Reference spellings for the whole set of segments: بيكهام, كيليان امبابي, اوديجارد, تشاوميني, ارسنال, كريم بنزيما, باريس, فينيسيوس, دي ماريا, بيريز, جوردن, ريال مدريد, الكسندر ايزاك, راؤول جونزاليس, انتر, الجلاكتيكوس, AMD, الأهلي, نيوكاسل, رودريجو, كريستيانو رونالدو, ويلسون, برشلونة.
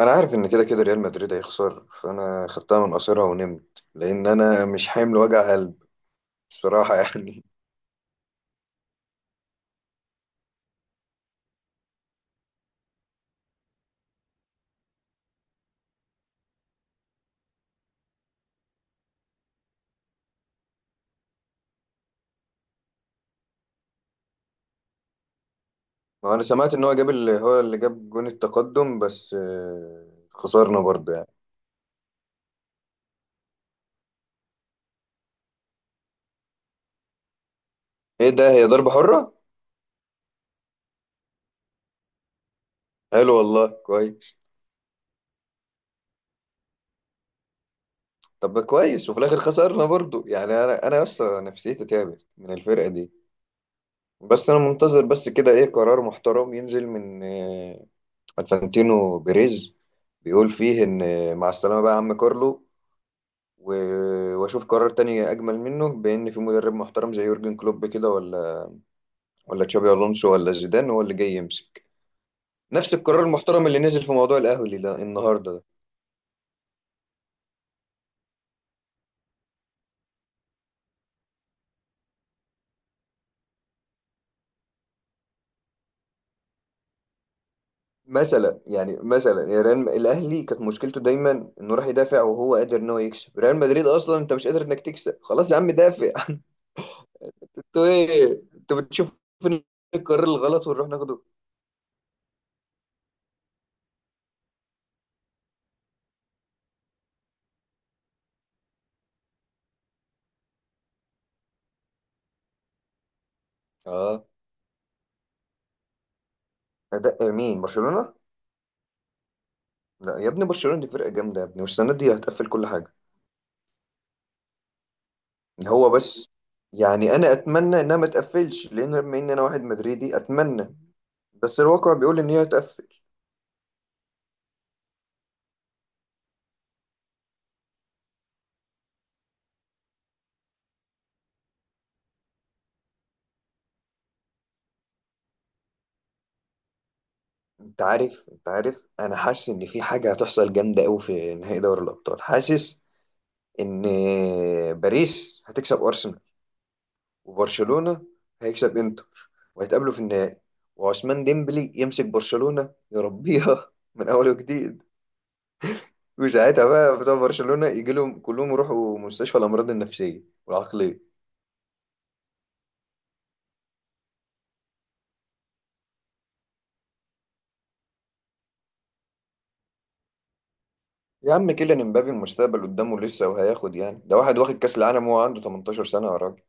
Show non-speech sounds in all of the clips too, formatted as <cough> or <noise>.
انا عارف ان كده كده ريال مدريد هيخسر، فانا خدتها من قصيرها ونمت لان انا مش حامل وجع قلب. بصراحه <laughs> يعني. ما انا سمعت ان هو جاب اللي جاب جون التقدم، بس خسرنا برضه يعني. ايه ده؟ هي ضربه حره. حلو والله، كويس. طب كويس، وفي الاخر خسرنا برضه يعني. انا اصلا نفسيتي تعبت من الفرقه دي. بس انا منتظر بس كده ايه قرار محترم ينزل من الفانتينو بيريز، بيقول فيه ان مع السلامه بقى يا عم كارلو. واشوف قرار تاني اجمل منه، بان في مدرب محترم زي يورجن كلوب كده، ولا تشابي الونسو ولا زيدان هو اللي جاي يمسك. نفس القرار المحترم اللي نزل في موضوع الاهلي ده النهارده ده. مثلا يا ريال، الاهلي كانت مشكلته دايما انه راح يدافع وهو قادر ان هو يكسب، ريال مدريد اصلا انت مش قادر انك تكسب، خلاص يا عم دافع. <laughs> انتوا بتشوفوا فين القرار الغلط ونروح ناخده؟ اه، ده مين برشلونة؟ لا يا ابني، برشلونة دي فرقة جامدة يا ابني، والسنة دي هتقفل كل حاجة. هو بس يعني انا اتمنى انها ما تقفلش، لان بما ان انا واحد مدريدي اتمنى. بس الواقع بيقول ان هي تقفل. انت عارف، انا حاسس ان في حاجه هتحصل جامده قوي في نهائي دوري الابطال، حاسس ان باريس هتكسب ارسنال، وبرشلونه هيكسب انتر، وهيتقابلوا في النهائي. وعثمان ديمبلي يمسك برشلونه يربيها من اول وجديد، وساعتها بقى بتوع برشلونه يجي لهم كلهم يروحوا مستشفى الامراض النفسيه والعقليه. يا عم، كيليان امبابي المستقبل قدامه لسه، وهياخد يعني ده واحد واخد كاس العالم وهو عنده 18 سنه يا راجل.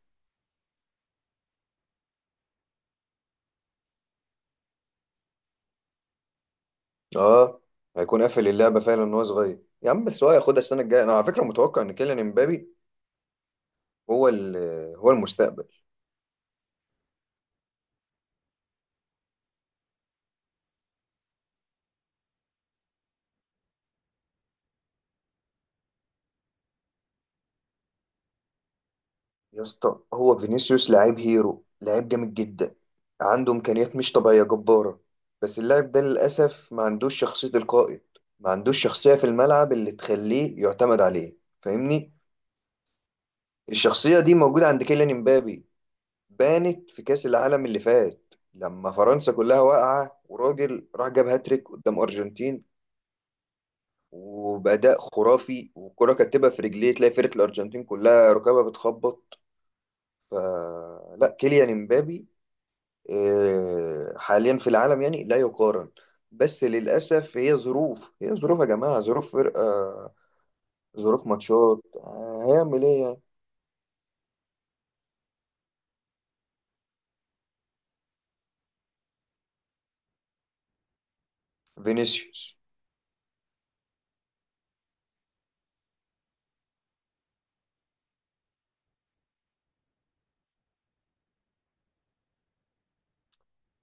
اه، هيكون قافل اللعبه فعلا ان هو صغير يا عم، بس هو هياخدها السنه الجايه. انا على فكره متوقع ان كيليان امبابي هو ال- هو المستقبل. يا اسطى، هو فينيسيوس لعيب هيرو، لعيب جامد جدا. عنده امكانيات مش طبيعيه جباره. بس اللاعب ده للاسف ما عندوش شخصيه القائد. ما عندوش شخصيه في الملعب اللي تخليه يعتمد عليه، فاهمني؟ الشخصيه دي موجوده عند كيليان امبابي، بانت في كأس العالم اللي فات لما فرنسا كلها واقعة وراجل راح جاب هاتريك قدام أرجنتين، وبأداء خرافي والكرة كاتبة في رجليه، تلاقي فرقة الأرجنتين كلها ركابها بتخبط. فلا، كيليان امبابي حاليا في العالم يعني لا يقارن. بس للأسف هي ظروف، هي ظروف يا جماعة، ظروف فرقة، ظروف ماتشات، هيعمل ايه يعني. فينيسيوس.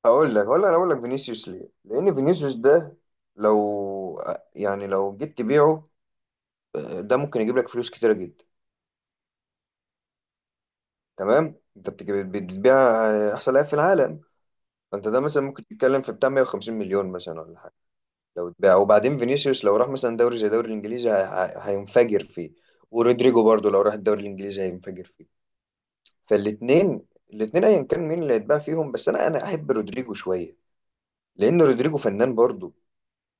هقول لك، انا اقول لك فينيسيوس ليه، لان فينيسيوس ده لو، يعني لو جيت تبيعه، ده ممكن يجيب لك فلوس كتيره جدا. تمام، انت بتبيع احسن لاعب في العالم. فانت ده مثلا ممكن تتكلم في بتاع 150 مليون مثلا ولا حاجه لو اتباع. وبعدين فينيسيوس لو راح مثلا دوري زي الدوري الانجليزي هينفجر فيه، ورودريجو برضو لو راح الدوري الانجليزي هينفجر فيه. فالاثنين ايا كان مين اللي هيتباع فيهم، بس انا احب رودريجو شويه، لان رودريجو فنان برضو.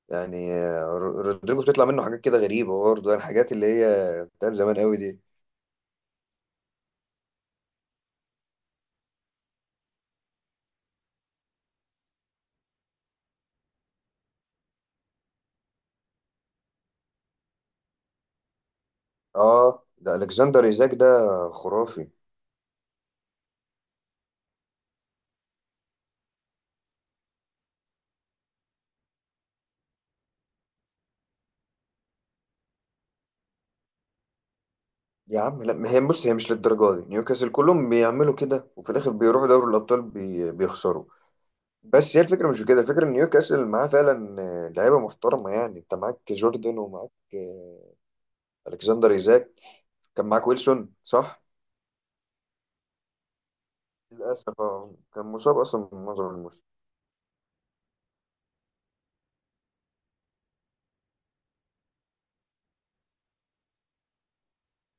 يعني رودريجو بتطلع منه حاجات كده غريبة برضه، يعني الحاجات اللي هي بتاعت زمان قوي دي. اه، ده الكسندر ايزاك ده، خرافي. يا عم لا، ما هي بص، هي مش للدرجة دي، نيوكاسل كلهم بيعملوا كده وفي الاخر بيروحوا دوري الابطال بيخسروا. بس هي الفكرة مش في كده، الفكرة ان نيوكاسل معاه فعلا لعيبة محترمة، يعني انت معاك جوردن ومعاك الكسندر ايزاك، كان معاك ويلسون، صح؟ للاسف كان مصاب اصلا من معظم الموسم.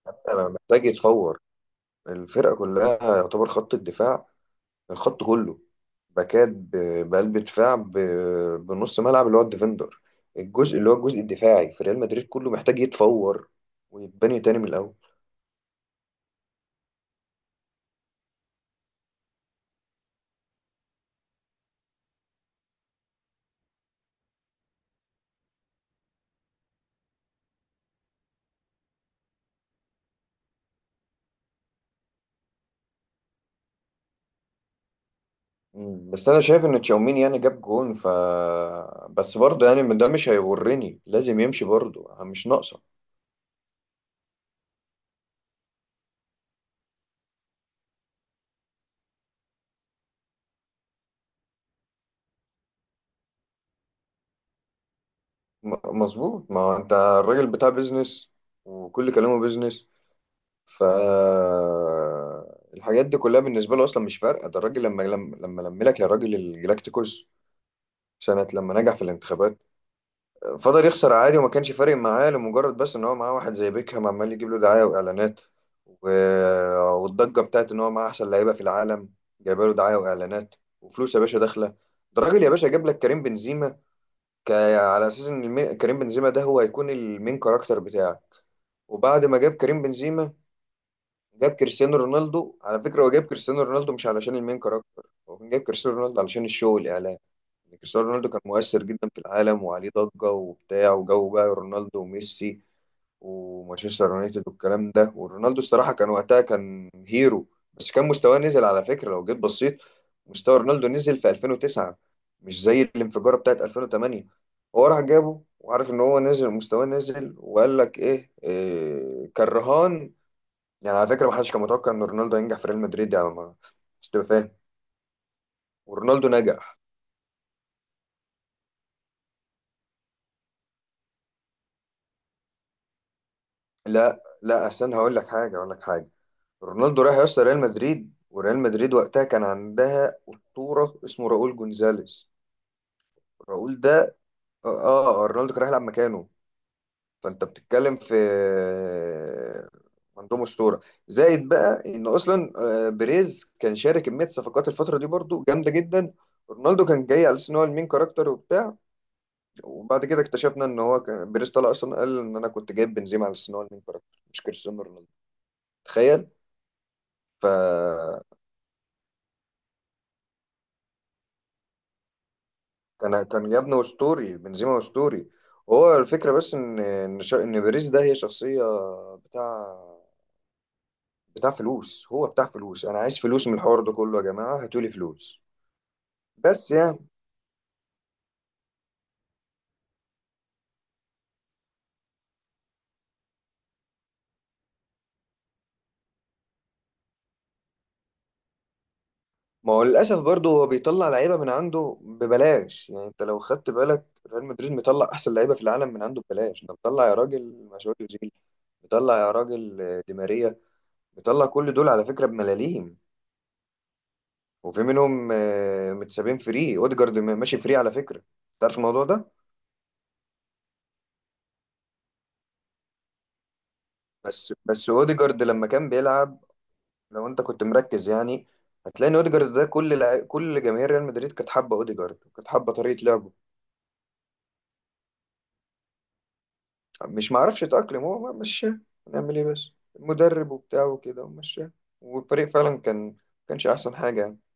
حتى محتاج يتفور الفرقة كلها، يعتبر خط الدفاع، الخط كله، باكات، بقلب دفاع، بنص ملعب اللي هو الديفندر. الجزء اللي هو الجزء الدفاعي في ريال مدريد كله محتاج يتفور ويتبني تاني من الاول. بس انا شايف ان تشاوميني يعني جاب جون، ف، بس برضه يعني ده مش هيغرني، لازم يمشي برضه، مش ناقصه. مظبوط، ما هو انت الراجل بتاع بيزنس وكل كلامه بيزنس، ف، الحاجات دي كلها بالنسبه له اصلا مش فارقه. ده الراجل لما لما لما لم لك يا راجل الجلاكتيكوس سنة لما نجح في الانتخابات، فضل يخسر عادي وما كانش فارق معاه، لمجرد بس ان هو معاه واحد زي بيكهام عمال يجيب له دعاية واعلانات، و... والضجة بتاعت ان هو معاه احسن لعيبة في العالم، جايبه له دعاية واعلانات، وفلوس يا باشا داخلة. ده راجل يا باشا جاب لك كريم بنزيما، على اساس ان كريم بنزيما ده هو هيكون المين كاركتر بتاعك. وبعد ما جاب كريم بنزيما جاب كريستيانو رونالدو. على فكرة هو جاب كريستيانو رونالدو مش علشان المين كاركتر، هو كان جاب كريستيانو رونالدو علشان الشو والإعلام. يعني كريستيانو رونالدو كان مؤثر جدا في العالم وعليه ضجة وبتاع، وجو بقى رونالدو وميسي ومانشستر يونايتد والكلام ده، ورونالدو الصراحة كان وقتها كان هيرو. بس كان مستواه نزل، على فكرة لو جيت بصيت مستوى رونالدو نزل في 2009، مش زي الانفجارة بتاعت 2008. هو راح جابه وعارف ان هو نزل مستواه نزل، وقال لك إيه كان رهان. يعني على فكرة ما حدش كان متوقع إن رونالدو ينجح في ريال مدريد، يعني ما، مش تبقى فاهم؟ ورونالدو نجح. لا، لا، أستنى، هقول لك حاجة. رونالدو راح يوصل ريال مدريد، وريال مدريد وقتها كان عندها أسطورة اسمه راؤول جونزاليس. راؤول ده، آه. رونالدو كان رايح يلعب مكانه. فأنت بتتكلم في، عندهم أسطورة، زائد بقى إن أصلا بيريز كان شارك كمية صفقات الفترة دي برضو جامدة جدا. رونالدو كان جاي على أساس إن هو المين كاركتر وبتاع. وبعد كده اكتشفنا ان هو كان بيريز طلع اصلا قال ان انا كنت جايب بنزيما على السنه المين كاركتر، مش كريستيانو رونالدو. تخيل. ف، كان جابنا اسطوري بنزيما، اسطوري. هو الفكره بس ان بيريز ده هي شخصيه، بتاع بتاع فلوس. هو بتاع فلوس، انا عايز فلوس من الحوار ده كله يا جماعه، هاتولي فلوس. بس يعني ما هو للاسف برضه هو بيطلع لعيبه من عنده ببلاش، يعني انت لو خدت بالك ريال مدريد مطلع احسن لعيبه في العالم من عنده ببلاش، ده مطلع يا راجل مشاوير، مطلع يا راجل دي ماريا، مطلع كل دول على فكرة بملاليم. وفي منهم متسابين فري، اوديجارد ماشي فري على فكرة، تعرف الموضوع ده؟ بس اوديجارد لما كان بيلعب، لو انت كنت مركز يعني هتلاقي ان اوديجارد ده كل جماهير ريال مدريد كانت حابة اوديجارد، وكانت حابة طريقة لعبه. مش معرفش يتأقلم، هو مشاه. نعمل ايه بس؟ المدرب وبتاعه وكده ومشاه، والفريق فعلا كان كانش احسن حاجة يعني.